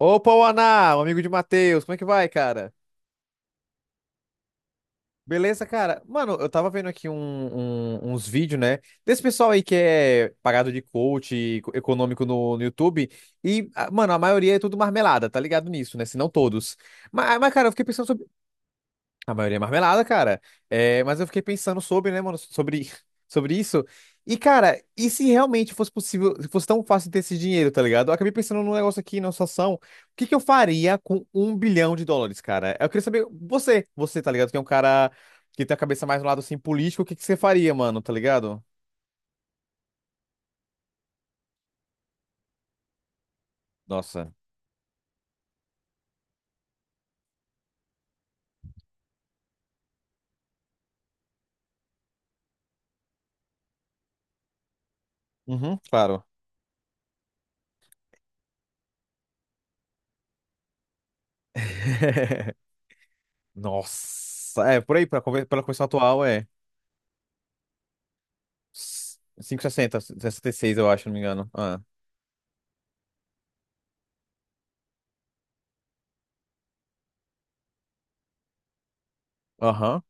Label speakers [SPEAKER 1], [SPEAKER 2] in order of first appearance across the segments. [SPEAKER 1] Opa, o Aná, o amigo de Matheus, como é que vai, cara? Beleza, cara? Mano, eu tava vendo aqui uns vídeos, né? Desse pessoal aí que é pagado de coach e econômico no YouTube. E, ah, mano, a maioria é tudo marmelada, tá ligado nisso, né? Se não todos. Mas, cara, eu fiquei pensando. A maioria é marmelada, cara. É, mas eu fiquei pensando sobre, né, mano, sobre, sobre isso. E, cara, e se realmente fosse possível, se fosse tão fácil ter esse dinheiro, tá ligado? Eu acabei pensando num negócio aqui, numa situação. O que que eu faria com 1 bilhão de dólares, cara? Eu queria saber, você, tá ligado? Que é um cara que tem a cabeça mais no lado, assim, político, o que que você faria, mano, tá ligado? Nossa. Uhum, claro. Nossa. É, por aí, pela conversão atual, é cinco e sessenta sessenta e seis, eu acho, se não me engano. Ah. Aham.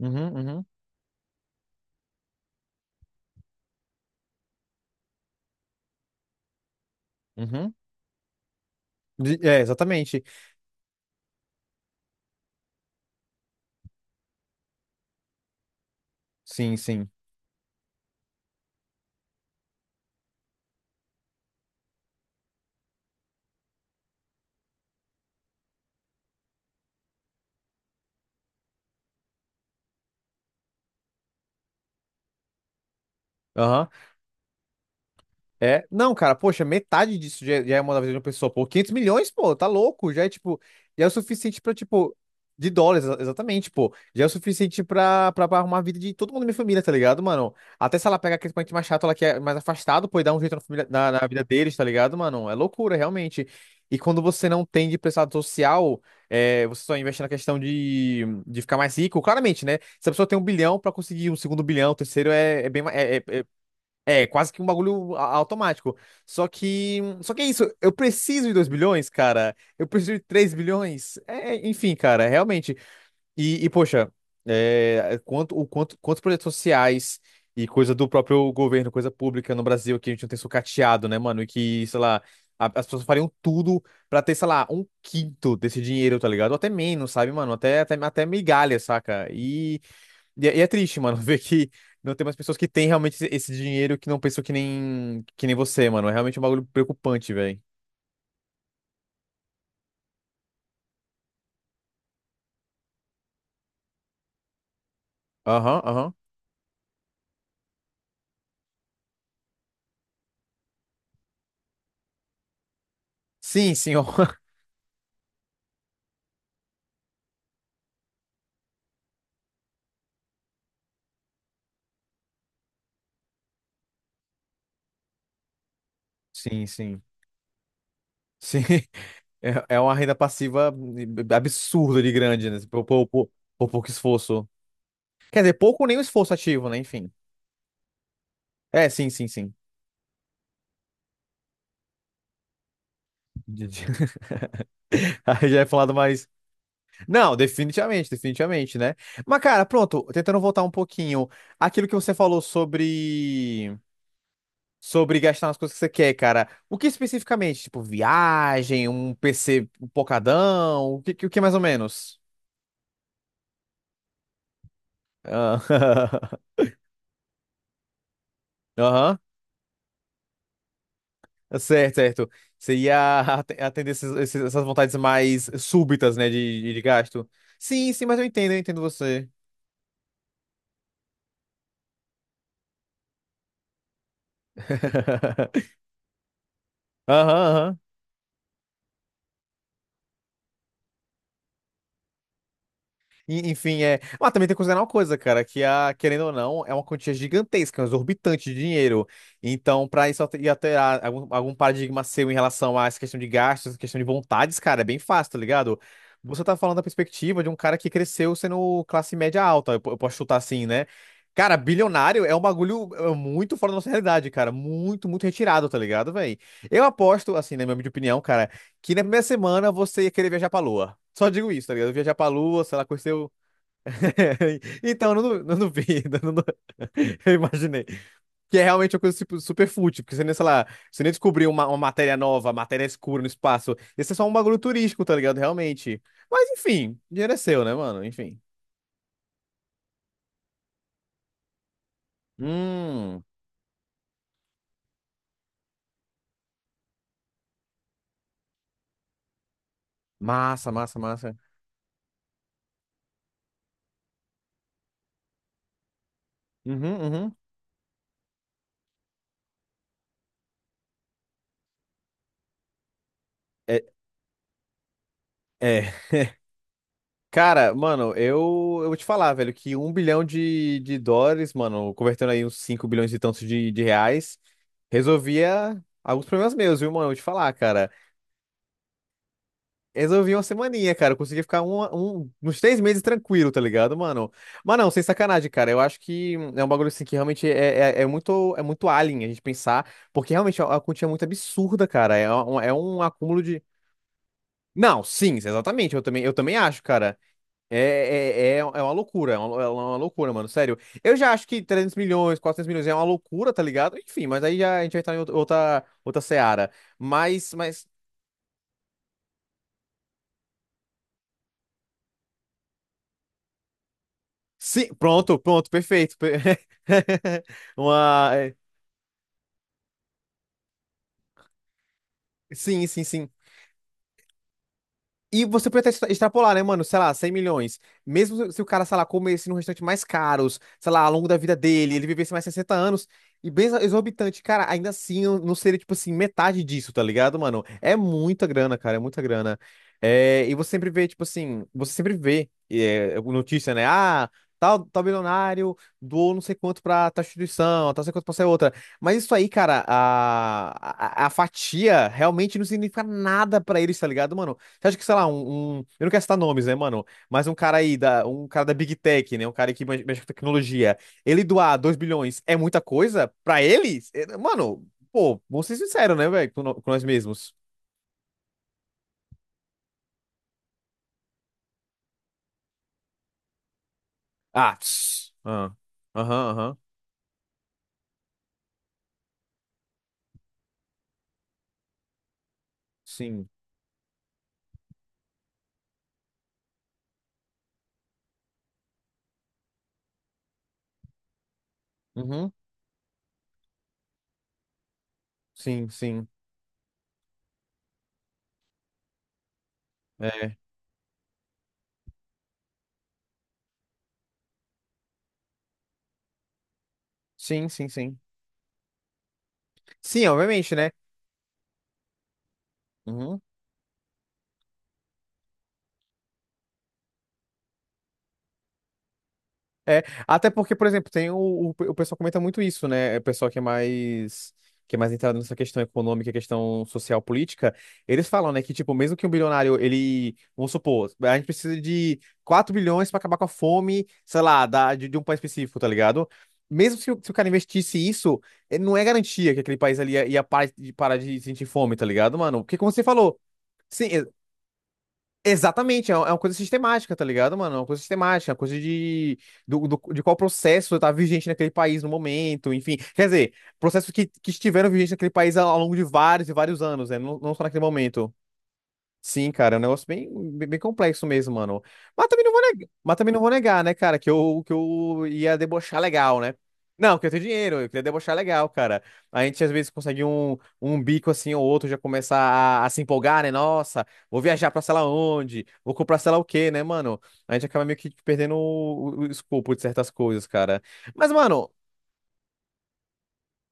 [SPEAKER 1] Uhum, uhum, uhum. É, exatamente. Sim, sim. Aham. É, não, cara, poxa, metade disso já é uma da vida de uma pessoa, pô, 500 milhões, pô, tá louco, já é, tipo, já é o suficiente pra, tipo, de dólares, exatamente, pô, já é o suficiente pra, arrumar a vida de todo mundo da minha família, tá ligado, mano? Até se ela pega aquele parente mais chato, ela que é mais afastado, pô, e dá um jeito na família, na vida deles, tá ligado, mano? É loucura, realmente. E quando você não tem de prestado social, é, você só investe na questão de ficar mais rico, claramente, né? Se a pessoa tem 1 bilhão, pra conseguir um segundo bilhão, o terceiro é, é bem, ma- é, é- é é, quase que um bagulho automático. Só que. Só que é isso. Eu preciso de 2 bilhões, cara. Eu preciso de 3 bilhões. É, enfim, cara, realmente. E, poxa, é, quantos projetos sociais e coisa do próprio governo, coisa pública no Brasil que a gente não tem sucateado, né, mano? E que, sei lá, as pessoas fariam tudo pra ter, sei lá, um quinto desse dinheiro, tá ligado? Ou até menos, sabe, mano? Até migalha, saca? E é triste, mano, ver que não tem mais pessoas que têm realmente esse dinheiro, que não pensam que nem você, mano. É realmente um bagulho preocupante, velho. Aham, aham. Sim, sim, ó. Sim, sim. Sim. É uma renda passiva absurda de grande, né? Por pouco esforço. Quer dizer, pouco nem o esforço ativo, né? Enfim. É, sim, sim, sim. De- de- Aí já é falado mais. Não, definitivamente, definitivamente, né? Mas, cara, pronto, tentando voltar um pouquinho. Aquilo que você falou sobre. Sobre gastar nas coisas que você quer, cara. O que especificamente? Tipo, viagem, um PC pocadão? O o que mais ou menos? Ah, aham. Certo, certo. Você ia atender essas vontades mais súbitas, né, de gasto. Sim, sim, mas eu entendo você. Aham, aham. Enfim, é. Mas também tem que considerar uma coisa, cara, que a, querendo ou não, é uma quantia gigantesca, um exorbitante de dinheiro. Então, pra isso alterar algum paradigma seu em relação a essa questão de gastos, essa questão de vontades, cara, é bem fácil, tá ligado? Você tá falando da perspectiva de um cara que cresceu sendo classe média alta, eu posso chutar assim, né? Cara, bilionário é um bagulho, muito fora da nossa realidade, cara. Muito, muito retirado, tá ligado, velho? Eu aposto, assim, na minha humilde opinião, cara, que na primeira semana você ia querer viajar pra Lua. Só digo isso, tá ligado? Viajar pra Lua, sei lá, conhecer o... Então, eu não duvido, eu não du- Eu imaginei. Que é realmente uma coisa tipo super fútil, porque você nem, sei lá, você nem descobriu uma matéria nova, matéria escura no espaço. Esse é só um bagulho turístico, tá ligado? Realmente. Mas, enfim, dinheiro é seu, né, mano? Enfim. Hum, massa, massa, massa. Uhum, uhum. É, é. Cara, mano, eu vou te falar, velho, que 1 bilhão de dólares, mano, convertendo aí uns 5 bilhões e tantos de reais, resolvia alguns problemas meus, viu, mano? Eu vou te falar, cara. Resolvi uma semaninha, cara. Eu consegui ficar uns 3 meses tranquilo, tá ligado, mano? Mas não, sem sacanagem, cara. Eu acho que é um bagulho assim que realmente é muito alien a gente pensar, porque realmente a quantia é muito absurda, cara. É um acúmulo de. Não, sim, exatamente. Eu também acho, cara. É, é uma loucura, é uma loucura, mano, sério. Eu já acho que 300 milhões, 400 milhões é uma loucura, tá ligado? Enfim, mas aí já, a gente vai estar em outra, outra seara. Mas, sim, pronto, pronto, perfeito. Uma, é, sim, sim, sim. E você pode até extrapolar, né, mano? Sei lá, 100 milhões. Mesmo se o cara, sei lá, comesse num restaurante mais caros, sei lá, ao longo da vida dele, ele vivesse mais 60 anos, e bem exorbitante, cara, ainda assim não seria, tipo assim, metade disso, tá ligado, mano? É muita grana, cara, é muita grana. É, e você sempre vê, tipo assim, você sempre vê, notícia, né? Ah, tal bilionário doou não sei quanto pra tal instituição, tal não sei quanto pra essa outra. Mas isso aí, cara, a fatia realmente não significa nada pra eles, tá ligado, mano? Você acha que, sei lá, eu não quero citar nomes, né, mano? Mas um cara aí, um cara da Big Tech, né? Um cara que mexe com tecnologia. Ele doar 2 bilhões é muita coisa pra ele? É, mano, pô, vamos ser sinceros, né, velho? Com, no- com nós mesmos. Ah, tss. Ah, aham, aham. Sim. Uhum. Sim, sim. É. Sim, sim, sim. Sim, obviamente, né? Uhum. É, até porque, por exemplo, tem o pessoal comenta muito isso, né? O pessoal que é mais entrado nessa questão econômica, questão social, política, eles falam, né, que tipo, mesmo que um bilionário, ele, vamos supor, a gente precisa de 4 bilhões para acabar com a fome, sei lá, de um país específico, tá ligado? Mesmo se o cara investisse isso, não é garantia que aquele país ali ia parar de, sentir fome, tá ligado, mano? Porque como você falou, sim, exatamente, é uma coisa sistemática, tá ligado, mano? É uma coisa sistemática, é uma coisa de, de qual processo tá vigente naquele país no momento, enfim. Quer dizer, processos que estiveram vigentes naquele país ao longo de vários e vários anos, né? Não, não só naquele momento. Sim, cara, é um negócio bem, bem bem complexo mesmo, mano. Mas também não vou negar, mas também não vou negar, né, cara, que eu ia debochar legal, né? Não, que eu tenho dinheiro, eu queria debochar legal, cara. A gente às vezes consegue um bico assim ou outro, já começa a se empolgar, né? Nossa, vou viajar pra sei lá onde, vou comprar sei lá o quê, né, mano? A gente acaba meio que perdendo o, o escopo de certas coisas, cara. Mas, mano,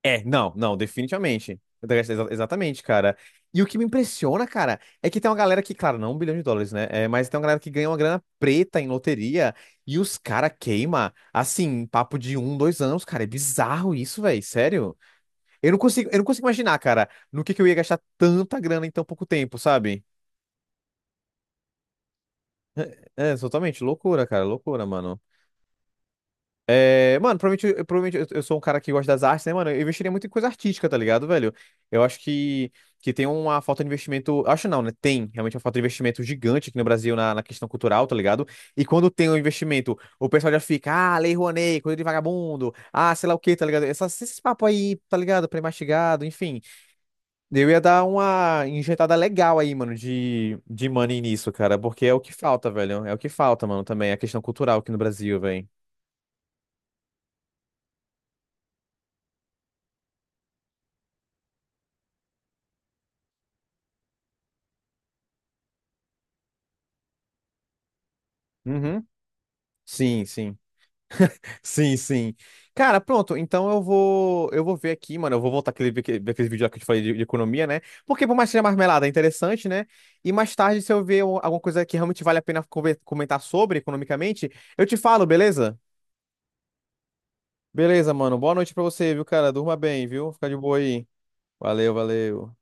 [SPEAKER 1] é, não, não, definitivamente. Exatamente, cara. E o que me impressiona, cara, é que tem uma galera que, claro, não 1 bilhão de dólares, né? É, mas tem uma galera que ganha uma grana preta em loteria e os cara queima, assim, papo de um, dois anos, cara. É bizarro isso, velho. Sério. Eu não consigo imaginar, cara, no que eu ia gastar tanta grana em tão pouco tempo, sabe? É, totalmente loucura, cara. Loucura, mano. É, mano, provavelmente, eu sou um cara que gosta das artes, né, mano? Eu investiria muito em coisa artística, tá ligado, velho? Eu acho que tem uma falta de investimento. Acho não, né? Tem realmente uma falta de investimento gigante aqui no Brasil na questão cultural, tá ligado? E quando tem um investimento, o pessoal já fica, ah, Lei Rouanet, coisa de vagabundo, ah, sei lá o quê, tá ligado? Essas, esses papos aí, tá ligado? Pré-mastigado, enfim. Eu ia dar uma injetada legal aí, mano, de money nisso, cara, porque é o que falta, velho. É o que falta, mano, também, a questão cultural aqui no Brasil, velho. Uhum. Sim, sim. Sim, sim. Cara, pronto. Então eu vou, ver aqui, mano. Eu vou voltar ver aquele vídeo lá que eu te falei de economia, né? Porque por mais que seja marmelada, é interessante, né? E mais tarde, se eu ver alguma coisa que realmente vale a pena comentar sobre economicamente, eu te falo, beleza? Beleza, mano. Boa noite pra você, viu, cara? Durma bem, viu? Fica de boa aí. Valeu, valeu.